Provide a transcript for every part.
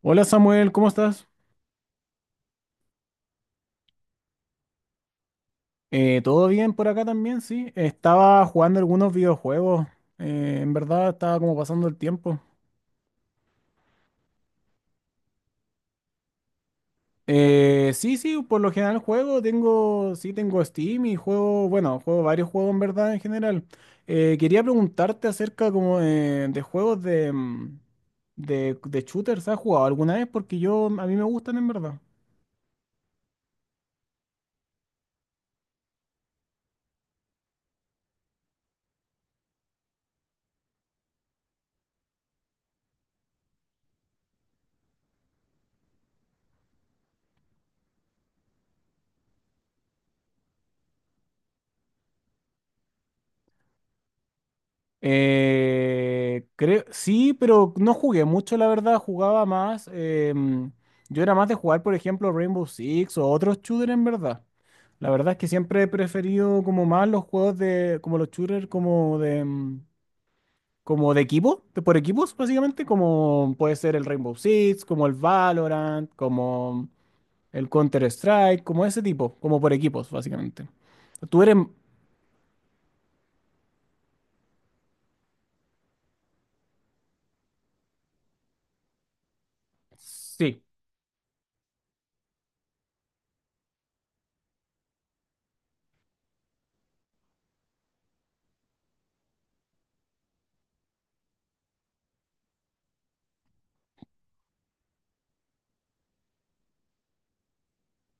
Hola Samuel, ¿cómo estás? ¿Todo bien por acá también? Sí, estaba jugando algunos videojuegos. En verdad estaba como pasando el tiempo. Sí, por lo general juego, tengo, sí, tengo Steam y juego, bueno, juego varios juegos en verdad en general. Quería preguntarte acerca como de juegos de, de shooters, ¿has jugado alguna vez? Porque yo, a mí me gustan en verdad. Creo, sí, pero no jugué mucho, la verdad. Jugaba más. Yo era más de jugar, por ejemplo, Rainbow Six o otros shooters, en verdad. La verdad es que siempre he preferido como más los juegos de, como los shooters, como de, como de equipo, de por equipos, básicamente, como puede ser el Rainbow Six, como el Valorant, como el Counter Strike, como ese tipo, como por equipos, básicamente. Tú eres, sí.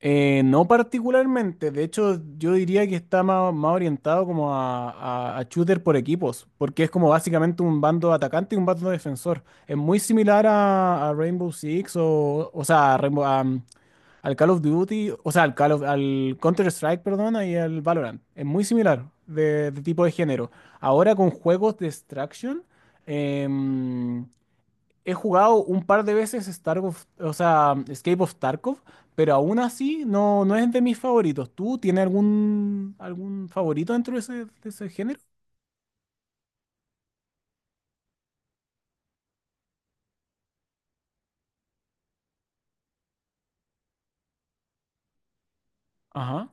No particularmente, de hecho yo diría que está más, más orientado como a, a shooter por equipos, porque es como básicamente un bando atacante y un bando defensor. Es muy similar a Rainbow Six o sea, a Rainbow- a, al Call of Duty, o sea, al Call of- al Counter-Strike, perdón, y al Valorant. Es muy similar de tipo de género. Ahora con juegos de extraction, em, he jugado un par de veces Starkov, o sea, Escape of Tarkov, pero aún así no, no es de mis favoritos. ¿Tú tienes algún, algún favorito dentro de ese género? Ajá.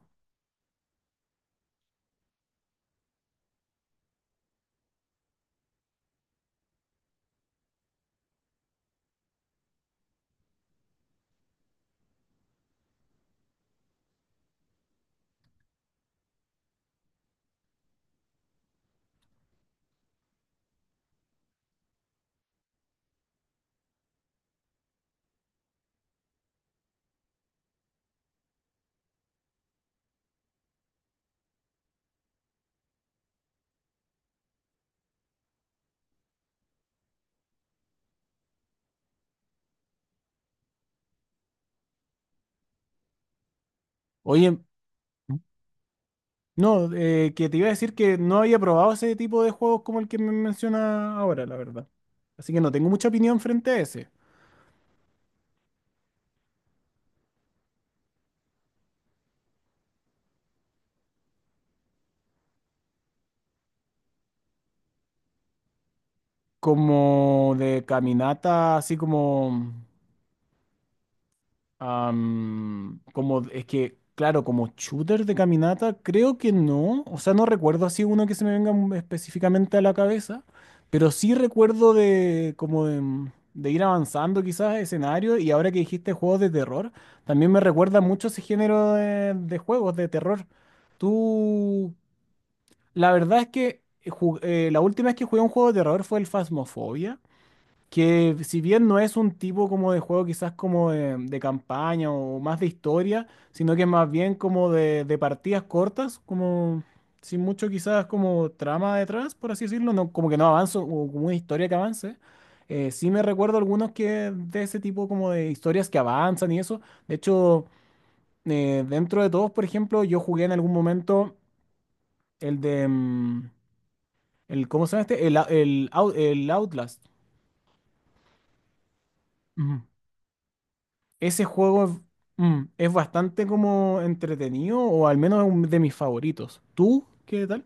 Oye, no, que te iba a decir que no había probado ese tipo de juegos como el que me menciona ahora, la verdad. Así que no tengo mucha opinión frente a ese. Como de caminata, así como... Como es que, claro, como shooter de caminata, creo que no. O sea, no recuerdo así uno que se me venga específicamente a la cabeza, pero sí recuerdo de como de, de ir avanzando quizás escenario y ahora que dijiste juegos de terror, también me recuerda mucho ese género de juegos de terror. Tú, la verdad es que la última vez que jugué un juego de terror fue el Phasmophobia que si bien no es un tipo como de juego quizás como de campaña o más de historia, sino que es más bien como de partidas cortas, como sin mucho quizás como trama detrás, por así decirlo, no, como que no avanzo, o como una historia que avance. Sí me recuerdo algunos que de ese tipo como de historias que avanzan y eso. De hecho, dentro de todos, por ejemplo, yo jugué en algún momento el de... el, ¿cómo se llama este? El Outlast. Ujú. Ese juego es, es bastante como entretenido, o al menos es un de mis favoritos. ¿Tú qué tal?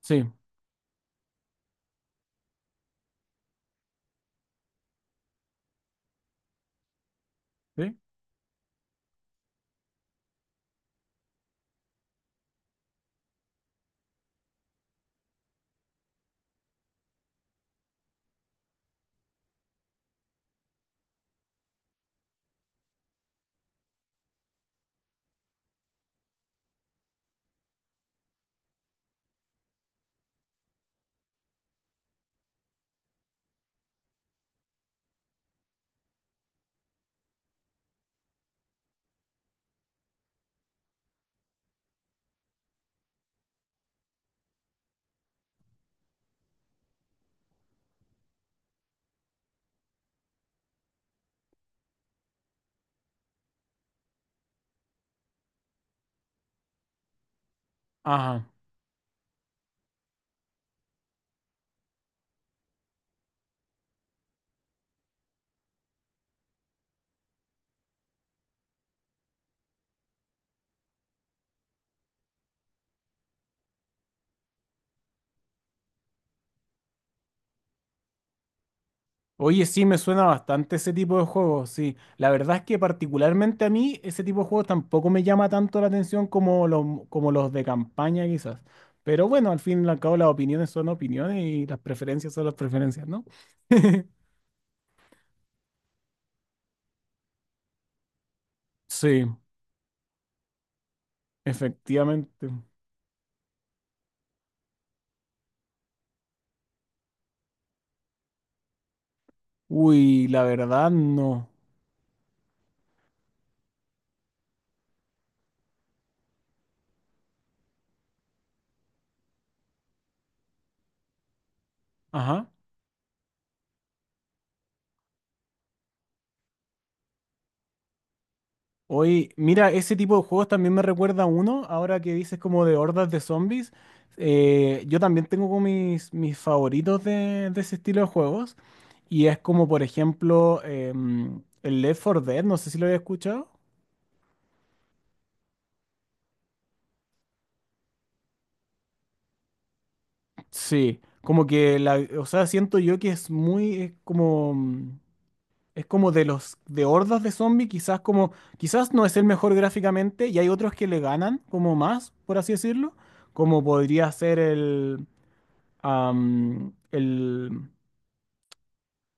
Sí, sí. Ajá. Oye, sí, me suena bastante ese tipo de juegos, sí. La verdad es que particularmente a mí ese tipo de juegos tampoco me llama tanto la atención como los de campaña quizás. Pero bueno, al fin y al cabo las opiniones son opiniones y las preferencias son las preferencias, ¿no? Sí, efectivamente. Uy, la verdad no. Ajá. Oye, mira, ese tipo de juegos también me recuerda a uno, ahora que dices como de hordas de zombies. Yo también tengo como mis, mis favoritos de ese estilo de juegos. Y es como, por ejemplo, el Left 4 Dead, no sé si lo había escuchado. Sí, como que la, o sea, siento yo que es muy, es como, es como de los, de hordas de zombies, quizás como, quizás no es el mejor gráficamente y hay otros que le ganan como más, por así decirlo, como podría ser el, am, el,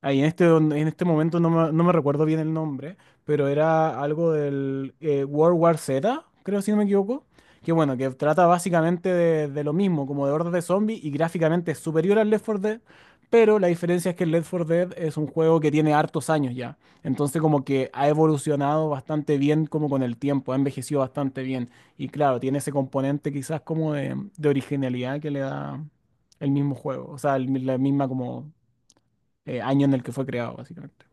ahí en este momento no me, no me recuerdo bien el nombre, pero era algo del World War Z, creo si no me equivoco, que bueno, que trata básicamente de lo mismo, como de hordas de zombies y gráficamente es superior al Left 4 Dead, pero la diferencia es que el Left 4 Dead es un juego que tiene hartos años ya, entonces como que ha evolucionado bastante bien como con el tiempo, ha envejecido bastante bien y claro, tiene ese componente quizás como de originalidad que le da el mismo juego, o sea, el- la misma como año en el que fue creado, básicamente.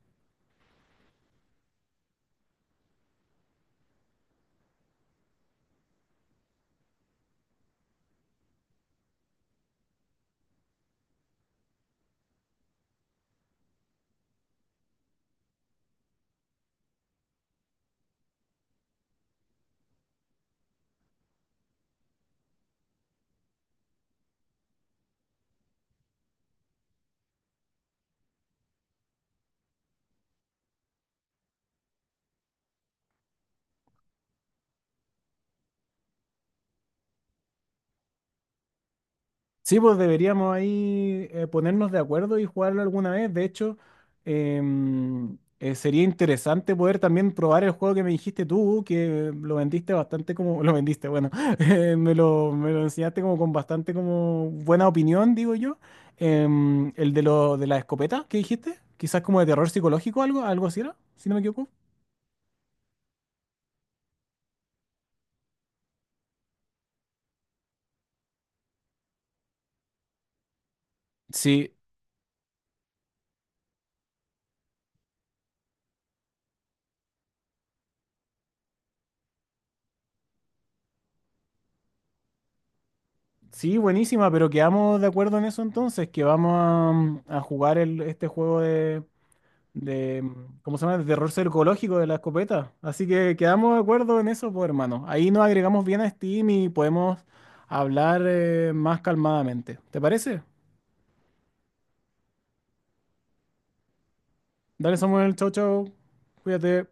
Sí, pues deberíamos ahí ponernos de acuerdo y jugarlo alguna vez. De hecho, sería interesante poder también probar el juego que me dijiste tú, que lo vendiste bastante como, lo vendiste, bueno, me lo enseñaste como con bastante como buena opinión, digo yo. El de lo, de la escopeta que dijiste, quizás como de terror psicológico, algo, algo así era, si no me equivoco. Sí, sí, buenísima, pero quedamos de acuerdo en eso entonces, que vamos a, a jugar el, este juego de, ¿cómo se llama? De terror psicológico de la escopeta. Así que quedamos de acuerdo en eso, pues hermano. Ahí nos agregamos bien a Steam y podemos hablar más calmadamente. ¿Te parece? Dale, Samuel, chau, chau. Cuídate.